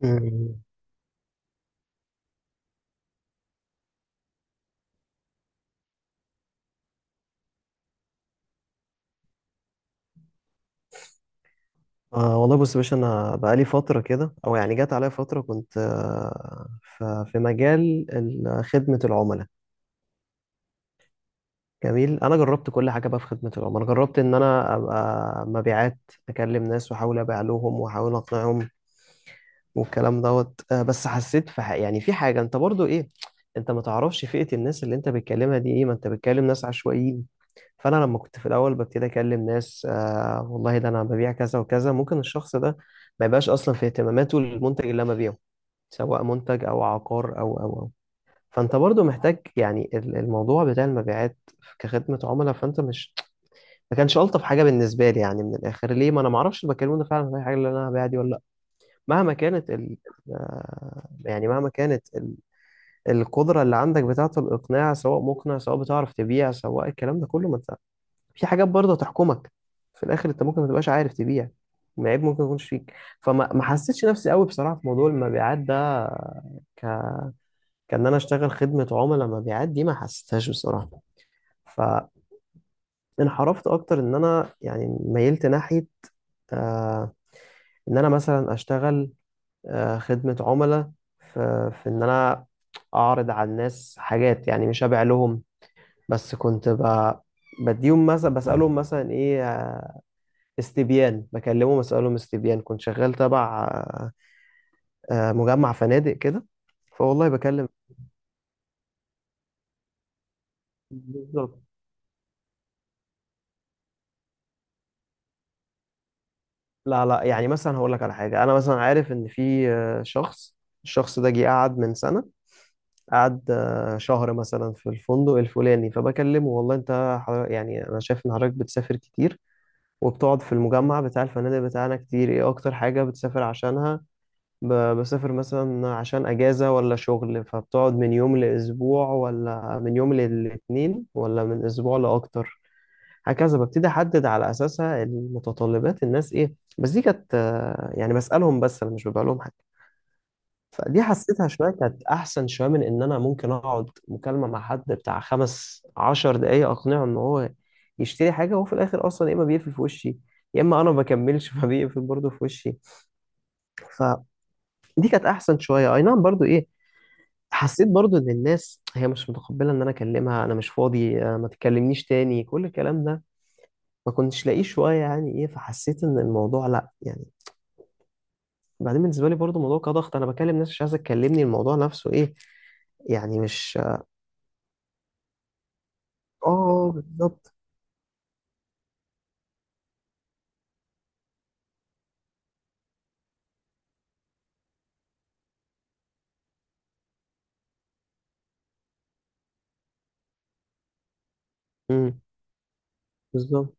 مم. والله بص يا باشا، انا بقالي فتره كده، او يعني جت عليا فتره كنت ف- في مجال خدمه العملاء. جميل، انا جربت كل حاجه بقى في خدمه العملاء. جربت ان انا ابقى مبيعات، اكلم ناس واحاول ابيع لهم واحاول اقنعهم والكلام دوت. بس حسيت في يعني في حاجه، انت برضو ايه، انت ما تعرفش فئه الناس اللي انت بتكلمها دي ايه، ما انت بتكلم ناس عشوائيين. فانا لما كنت في الاول ببتدي اكلم ناس، آه والله ده انا ببيع كذا وكذا، ممكن الشخص ده ما يبقاش اصلا في اهتماماته المنتج اللي انا ببيعه، سواء منتج او عقار او. فانت برضو محتاج يعني الموضوع بتاع المبيعات كخدمة عملاء، فانت مش ما كانش الطف حاجة بالنسبة لي. يعني من الاخر، ليه؟ ما انا ما اعرفش البكالوريوس ده فعلا هي حاجة اللي انا هبيعها دي ولا لا. مهما كانت ال... مهما كانت القدرة اللي عندك بتاعة الاقناع، سواء مقنع، سواء بتعرف تبيع، سواء الكلام ده كله، ما انت في حاجات برضه هتحكمك في الاخر. انت ممكن ما تبقاش عارف تبيع، معيب ممكن ما يكونش فيك. فما ما حسيتش نفسي قوي بصراحه في موضوع المبيعات ده. ك... كان انا اشتغل خدمه عملاء، مبيعات دي ما حسيتهاش بصراحه. فانحرفت اكتر ان انا يعني ميلت ناحيه، آه ان انا مثلا اشتغل خدمه عملاء، في ان انا اعرض على الناس حاجات، يعني مش ابيع لهم. بس كنت ب... بديهم مثلا، بسالهم مثلا ايه، استبيان. بكلمه بسألهم استبيان. كنت شغال تبع مجمع فنادق كده. فوالله بكلم. بالظبط. لا لا، يعني مثلا هقول لك على حاجة، أنا مثلا عارف إن في شخص، الشخص ده جه قعد من سنة، قعد شهر مثلا في الفندق الفلاني. فبكلمه والله أنت يعني أنا شايف إن حضرتك بتسافر كتير وبتقعد في المجمع بتاع الفنادق بتاعنا كتير. إيه أكتر حاجة بتسافر عشانها؟ بسافر مثلا عشان اجازة ولا شغل؟ فبتقعد من يوم لاسبوع، ولا من يوم للاتنين، ولا من اسبوع لاكتر؟ هكذا ببتدي احدد على اساسها المتطلبات الناس ايه. بس دي كانت يعني بسألهم بس، انا مش ببقى لهم حاجة. فدي حسيتها شوية، كانت احسن شوية من ان انا ممكن اقعد مكالمة مع حد بتاع 15 دقايق اقنعه ان هو يشتري حاجة، وهو في الاخر اصلا يا اما بيقفل في وشي، يا اما انا ما بكملش فبيقفل برضه في وشي. فدي كانت احسن شويه. اي نعم، برضو ايه، حسيت برضو ان الناس هي مش متقبله ان انا اكلمها. انا مش فاضي، ما تكلمنيش تاني، كل الكلام ده ما كنتش لاقيه شويه، يعني ايه. فحسيت ان الموضوع لا، يعني بعدين بالنسبه لي برضو الموضوع كضغط، انا بكلم ناس مش عايزه تكلمني، الموضوع نفسه ايه، يعني مش. اه، بالظبط. امم، بالظبط.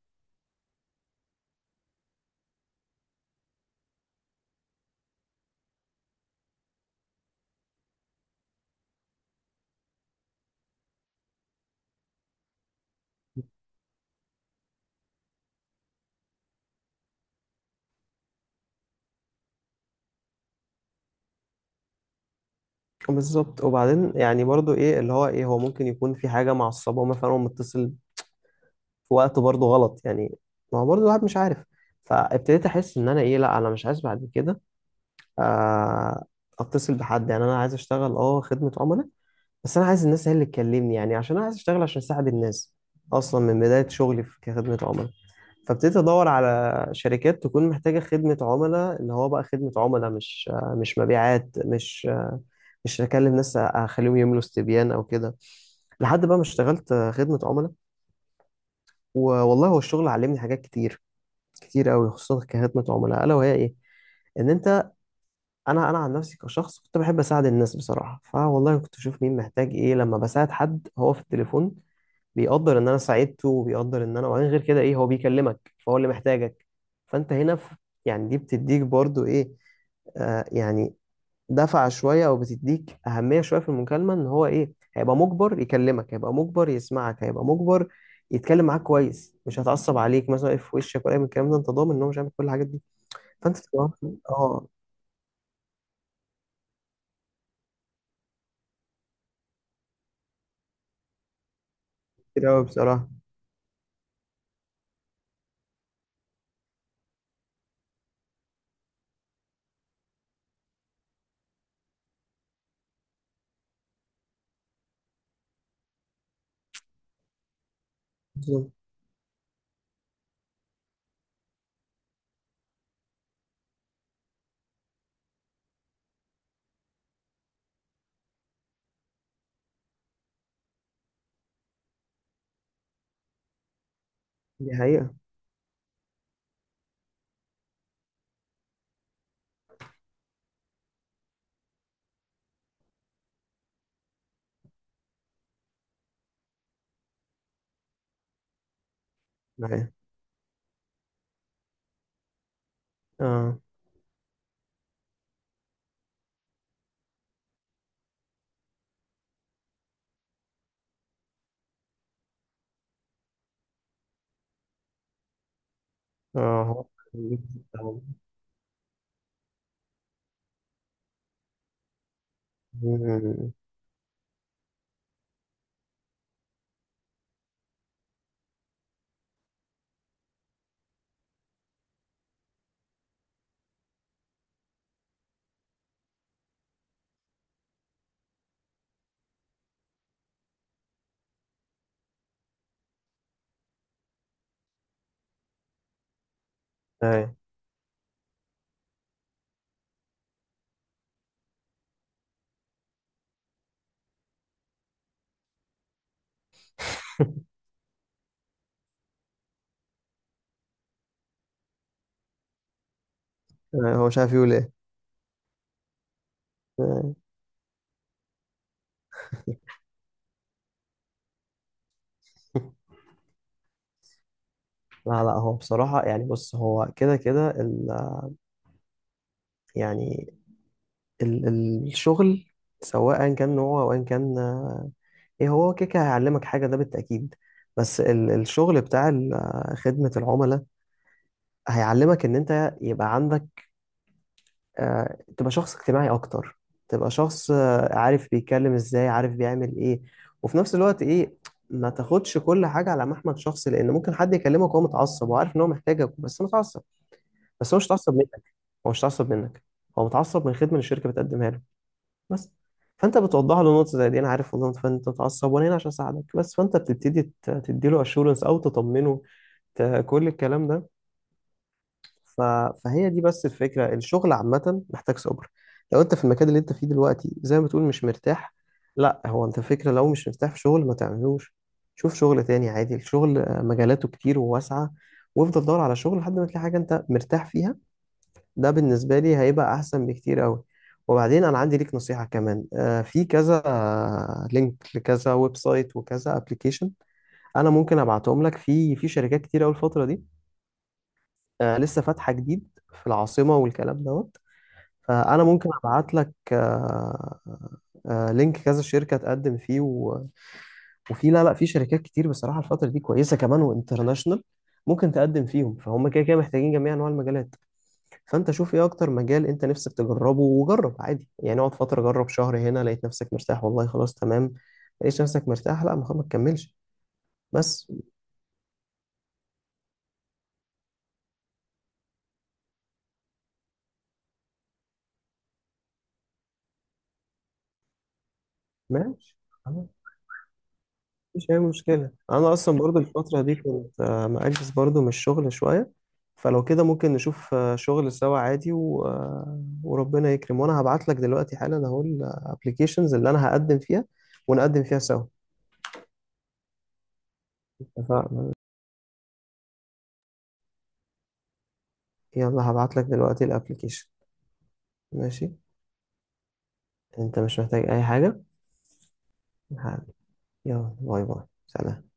بالظبط، وبعدين يعني برضو ايه اللي هو ايه، هو ممكن يكون في حاجه معصبه، مثلا هو متصل في وقت برضو غلط يعني. ما هو برضو الواحد مش عارف. فابتديت احس ان انا ايه، لا انا مش عايز بعد كده آه، اتصل بحد. يعني انا عايز اشتغل خدمة عملاء، بس انا عايز الناس هي اللي تكلمني، يعني عشان انا عايز اشتغل عشان اساعد الناس اصلا من بداية شغلي في كخدمة عملاء. فابتديت ادور على شركات تكون محتاجة خدمة عملاء، اللي هو بقى خدمة عملاء مش مبيعات، مش هكلم ناس اخليهم يملوا استبيان او كده، لحد بقى ما اشتغلت خدمة عملاء. والله هو الشغل علمني حاجات كتير كتير قوي، خصوصا كخدمة عملاء، الا وهي ايه، ان انت، انا عن نفسي كشخص كنت بحب اساعد الناس بصراحه. فوالله كنت اشوف مين محتاج ايه، لما بساعد حد هو في التليفون بيقدر ان انا ساعدته، وبيقدر ان انا، وبعدين غير كده ايه، هو بيكلمك فهو اللي محتاجك. فانت هنا في، يعني دي بتديك برضو ايه، يعني دفعه شويه، او بتديك اهميه شويه في المكالمه ان هو ايه. هيبقى مجبر يكلمك، هيبقى مجبر يسمعك، هيبقى مجبر يتكلم معاك كويس، مش هتعصب عليك مثلا يقف في وشك ولا أي من الكلام ده. انت ضامن ان هو مش هيعمل كل الحاجات دي، فانت تبقى اه. كتير قوي بصراحه. دي حقيقة. معايا. اه اه هو مم. أيوة. هو مش عارف يقول ايه. أيوة. لا لا، هو بصراحة يعني، بص، هو كده كده يعني الشغل سواء كان نوعه أو أيا كان، ايه هو كده كده هيعلمك حاجة، ده بالتأكيد. بس ال الشغل بتاع خدمة العملاء، هيعلمك ان انت يبقى عندك تبقى شخص اجتماعي اكتر، تبقى شخص عارف بيتكلم ازاي عارف بيعمل ايه. وفي نفس الوقت ايه، ما تاخدش كل حاجه على محمل شخصي، لان ممكن حد يكلمك وهو متعصب، وعارف ان هو محتاجك بس متعصب. بس هو مش متعصب منك، هو مش متعصب منك، هو متعصب من الخدمه اللي الشركه بتقدمها له بس. فانت بتوضح له نقطه زي دي: انا عارف والله إن انت متعصب، وانا هنا عشان اساعدك بس. فانت بتبتدي تدي له اشورنس او تطمنه، كل الكلام ده. ف... فهي دي بس الفكرة، الشغل عامة محتاج صبر. لو انت في المكان اللي انت فيه دلوقتي زي ما بتقول مش مرتاح، لا، هو انت فكرة لو مش مرتاح في شغل ما تعملوش. شوف شغل تاني عادي، الشغل مجالاته كتير وواسعة، وافضل دور على شغل لحد ما تلاقي حاجة انت مرتاح فيها. ده بالنسبة لي هيبقى احسن بكتير قوي. وبعدين انا عندي ليك نصيحة كمان، في كذا لينك لكذا ويب سايت وكذا ابلكيشن، انا ممكن ابعتهم لك. في شركات كتير قوي الفترة دي لسه فاتحة جديد في العاصمة والكلام دوت. فأنا ممكن أبعت لك لينك كذا شركة تقدم فيه وفي، لا لا، في شركات كتير بصراحة الفترة دي كويسة كمان وانترناشونال، ممكن تقدم فيهم، فهم كده كده محتاجين جميع أنواع المجالات. فأنت شوف إيه أكتر مجال أنت نفسك تجربه وجرب عادي، يعني اقعد فترة، جرب شهر هنا، لقيت نفسك مرتاح والله خلاص تمام، لقيت نفسك مرتاح لا، ما خلاص ما تكملش. بس. ماشي، مش أي مشكلة، أنا أصلا برضو الفترة دي كنت مأجز برضو من الشغل شوية. فلو كده ممكن نشوف شغل سوا عادي، و... آه، وربنا يكرم. وأنا هبعت لك دلوقتي حالا أهو الأبليكيشنز اللي أنا هقدم فيها، ونقدم فيها سوا. اتفقنا. يلا هبعت لك دلوقتي الأبليكيشن. ماشي. أنت مش محتاج أي حاجة؟ ه- يلا، باي باي، سلام.